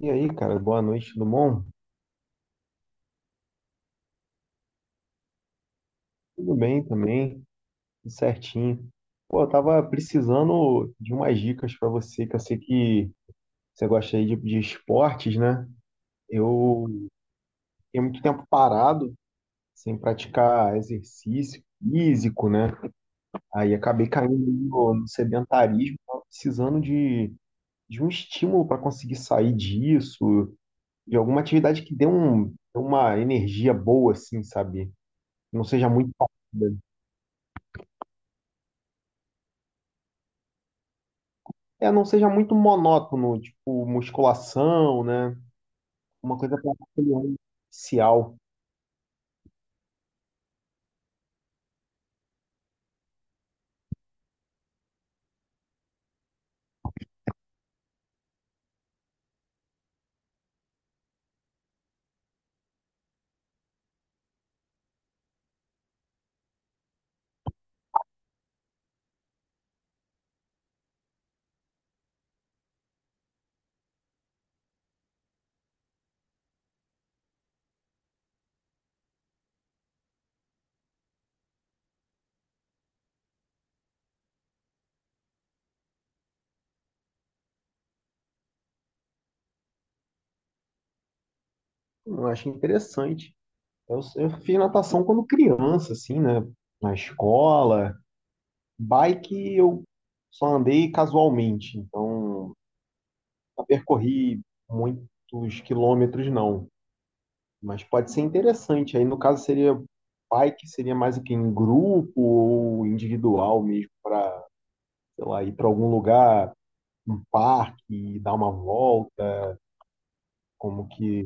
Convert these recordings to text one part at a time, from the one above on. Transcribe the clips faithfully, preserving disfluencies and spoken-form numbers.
E aí, cara, boa noite, tudo bom? Tudo bem também, tudo certinho. Pô, eu tava precisando de umas dicas pra você, que eu sei que você gosta aí de, de esportes, né? Eu fiquei muito tempo parado, sem praticar exercício físico, né? Aí acabei caindo no, no sedentarismo, tava precisando de, de um estímulo para conseguir sair disso, de alguma atividade que dê um, uma energia boa, assim, sabe? Que não seja muito parada. É, não seja muito monótono, tipo musculação, né? Uma coisa para inicial. Eu acho interessante. Eu, eu fiz natação quando criança, assim, né? Na escola. Bike eu só andei casualmente, então não percorri muitos quilômetros, não. Mas pode ser interessante. Aí, no caso, seria bike, seria mais o que em grupo ou individual mesmo, para, sei lá, ir para algum lugar, um parque, dar uma volta, como que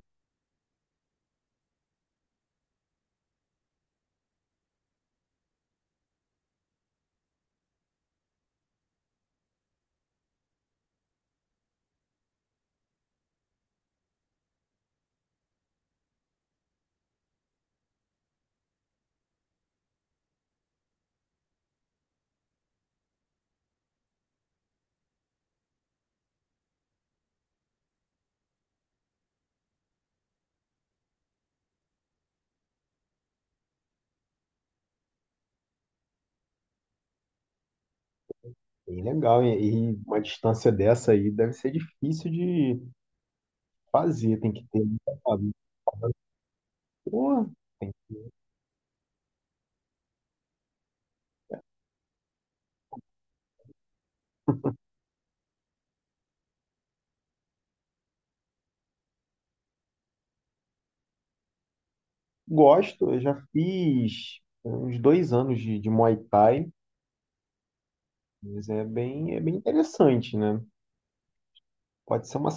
bem legal. E, e uma distância dessa aí deve ser difícil de fazer, tem que ter muita cabeça. Pô, tem- gosto, eu já fiz uns dois anos de, de Muay Thai, mas é bem, é bem interessante, né? Pode ser uma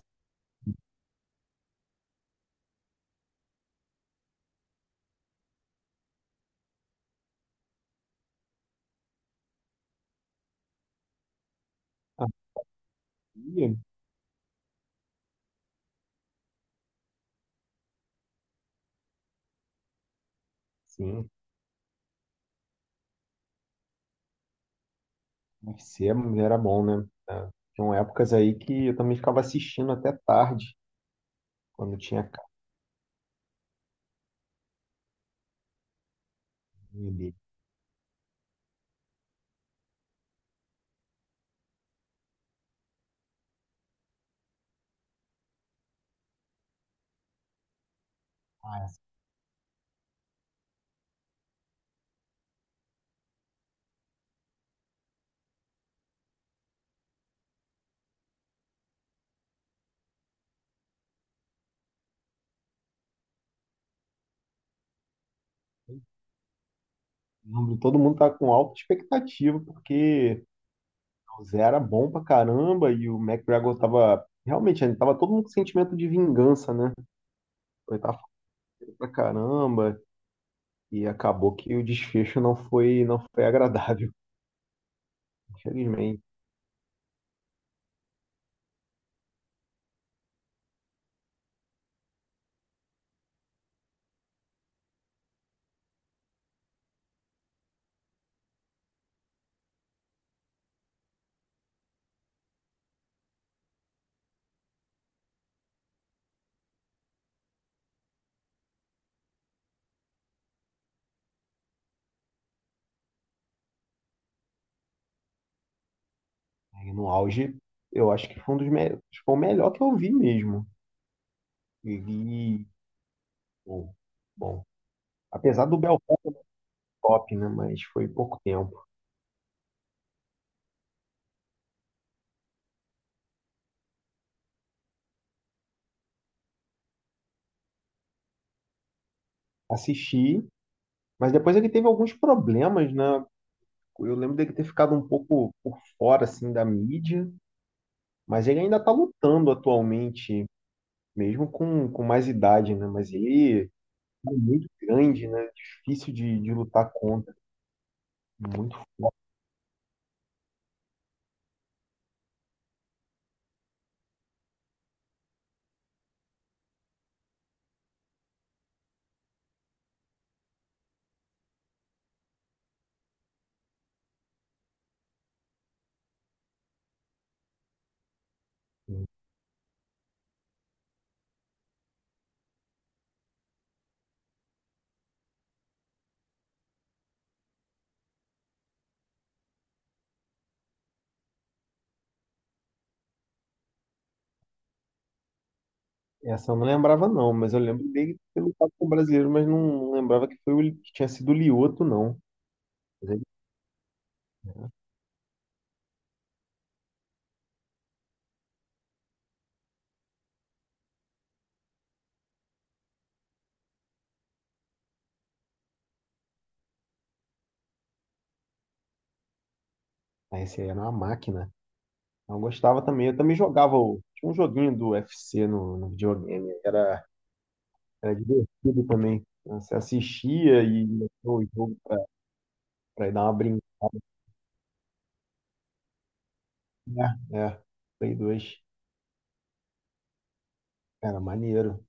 academia, sim, U F C era bom, né? Ah, tinham épocas aí que eu também ficava assistindo até tarde, quando tinha a academia dele. Ah, eu lembro, todo mundo tá com alta expectativa, porque o Zé era bom pra caramba e o McGregor tava. Realmente, ele tava, todo mundo com sentimento de vingança, né? Ele tava falando pra caramba e acabou que o desfecho não foi, não foi agradável, infelizmente. E no auge, eu acho que foi um dos me... acho que foi o melhor que eu vi mesmo. E, e- Bom, bom, apesar do Belfort top, né? Mas foi pouco tempo. Assisti, mas depois ele teve alguns problemas, né? Eu lembro dele ter ficado um pouco por fora, assim, da mídia. Mas ele ainda está lutando atualmente, mesmo com, com mais idade, né? Mas ele é muito grande, né? Difícil de, de lutar contra. Muito forte. Essa eu não lembrava, não, mas eu lembro dele ter lutado com o brasileiro, mas não lembrava que foi o, que tinha sido o Lioto, não. Mas ele, ah, esse aí era uma máquina. Eu gostava também, eu também jogava o- tinha um joguinho do U F C no, no videogame, era, era divertido também. Você assistia e metia o jogo pra ir dar uma brincada. É, é, Play dois. Era maneiro.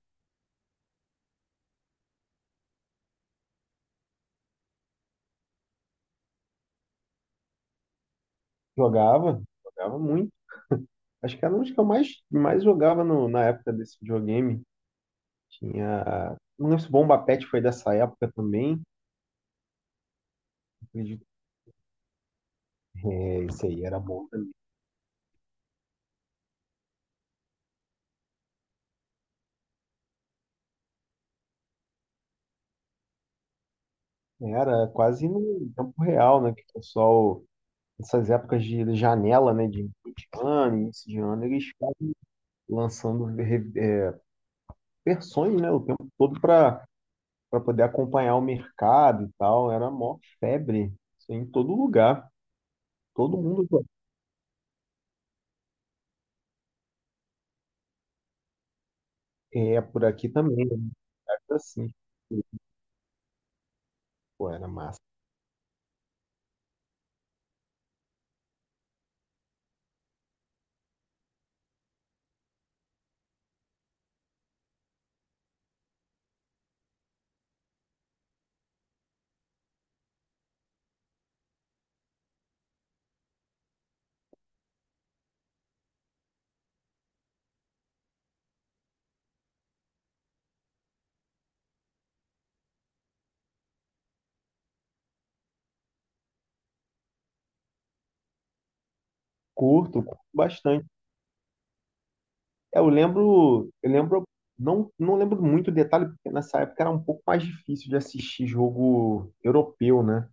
Jogava, jogava muito. Acho que era um dos que eu mais, mais jogava no- na época desse videogame. Tinha. Não lembro se o Bomba Pet foi dessa época também. Acredito. É, isso aí era bom também. Era quase no tempo real, né? Que o pessoal, nessas épocas de janela, né? De início de ano, início de ano, eles ficam lançando re- é, versões, né? O tempo todo para para poder acompanhar o mercado e tal. Era mó febre. Isso aí em todo lugar. Todo mundo. É, por aqui também, eu me lembro assim, pô, era massa. Curto, curto bastante. É, Eu lembro, eu lembro, não, não lembro muito o detalhe, porque nessa época era um pouco mais difícil de assistir jogo europeu, né?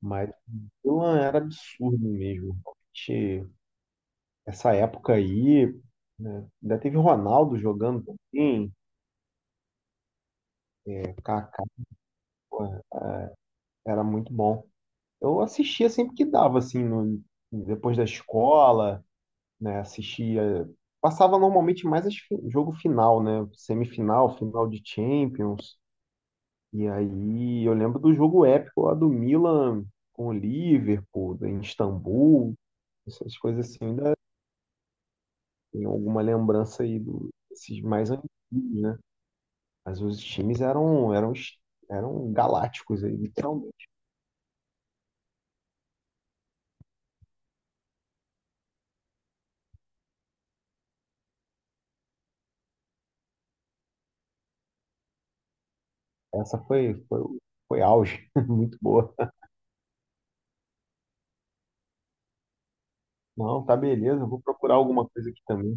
Mas pô, era absurdo mesmo. Realmente, essa época aí, né? Ainda teve Ronaldo jogando também, é, Kaká, pô, era muito bom. Eu assistia sempre que dava, assim, no- depois da escola. Né? Assistia, passava normalmente mais as fi- jogo final, né? Semifinal, final de Champions. E aí eu lembro do jogo épico lá do Milan com o Liverpool, em Istambul, essas coisas assim, ainda tem alguma lembrança aí do- desses mais antigos, né? Mas os times eram eram es- eram galácticos aí, literalmente. Essa foi foi, foi auge, muito boa. Não, tá beleza, eu vou procurar alguma coisa aqui também.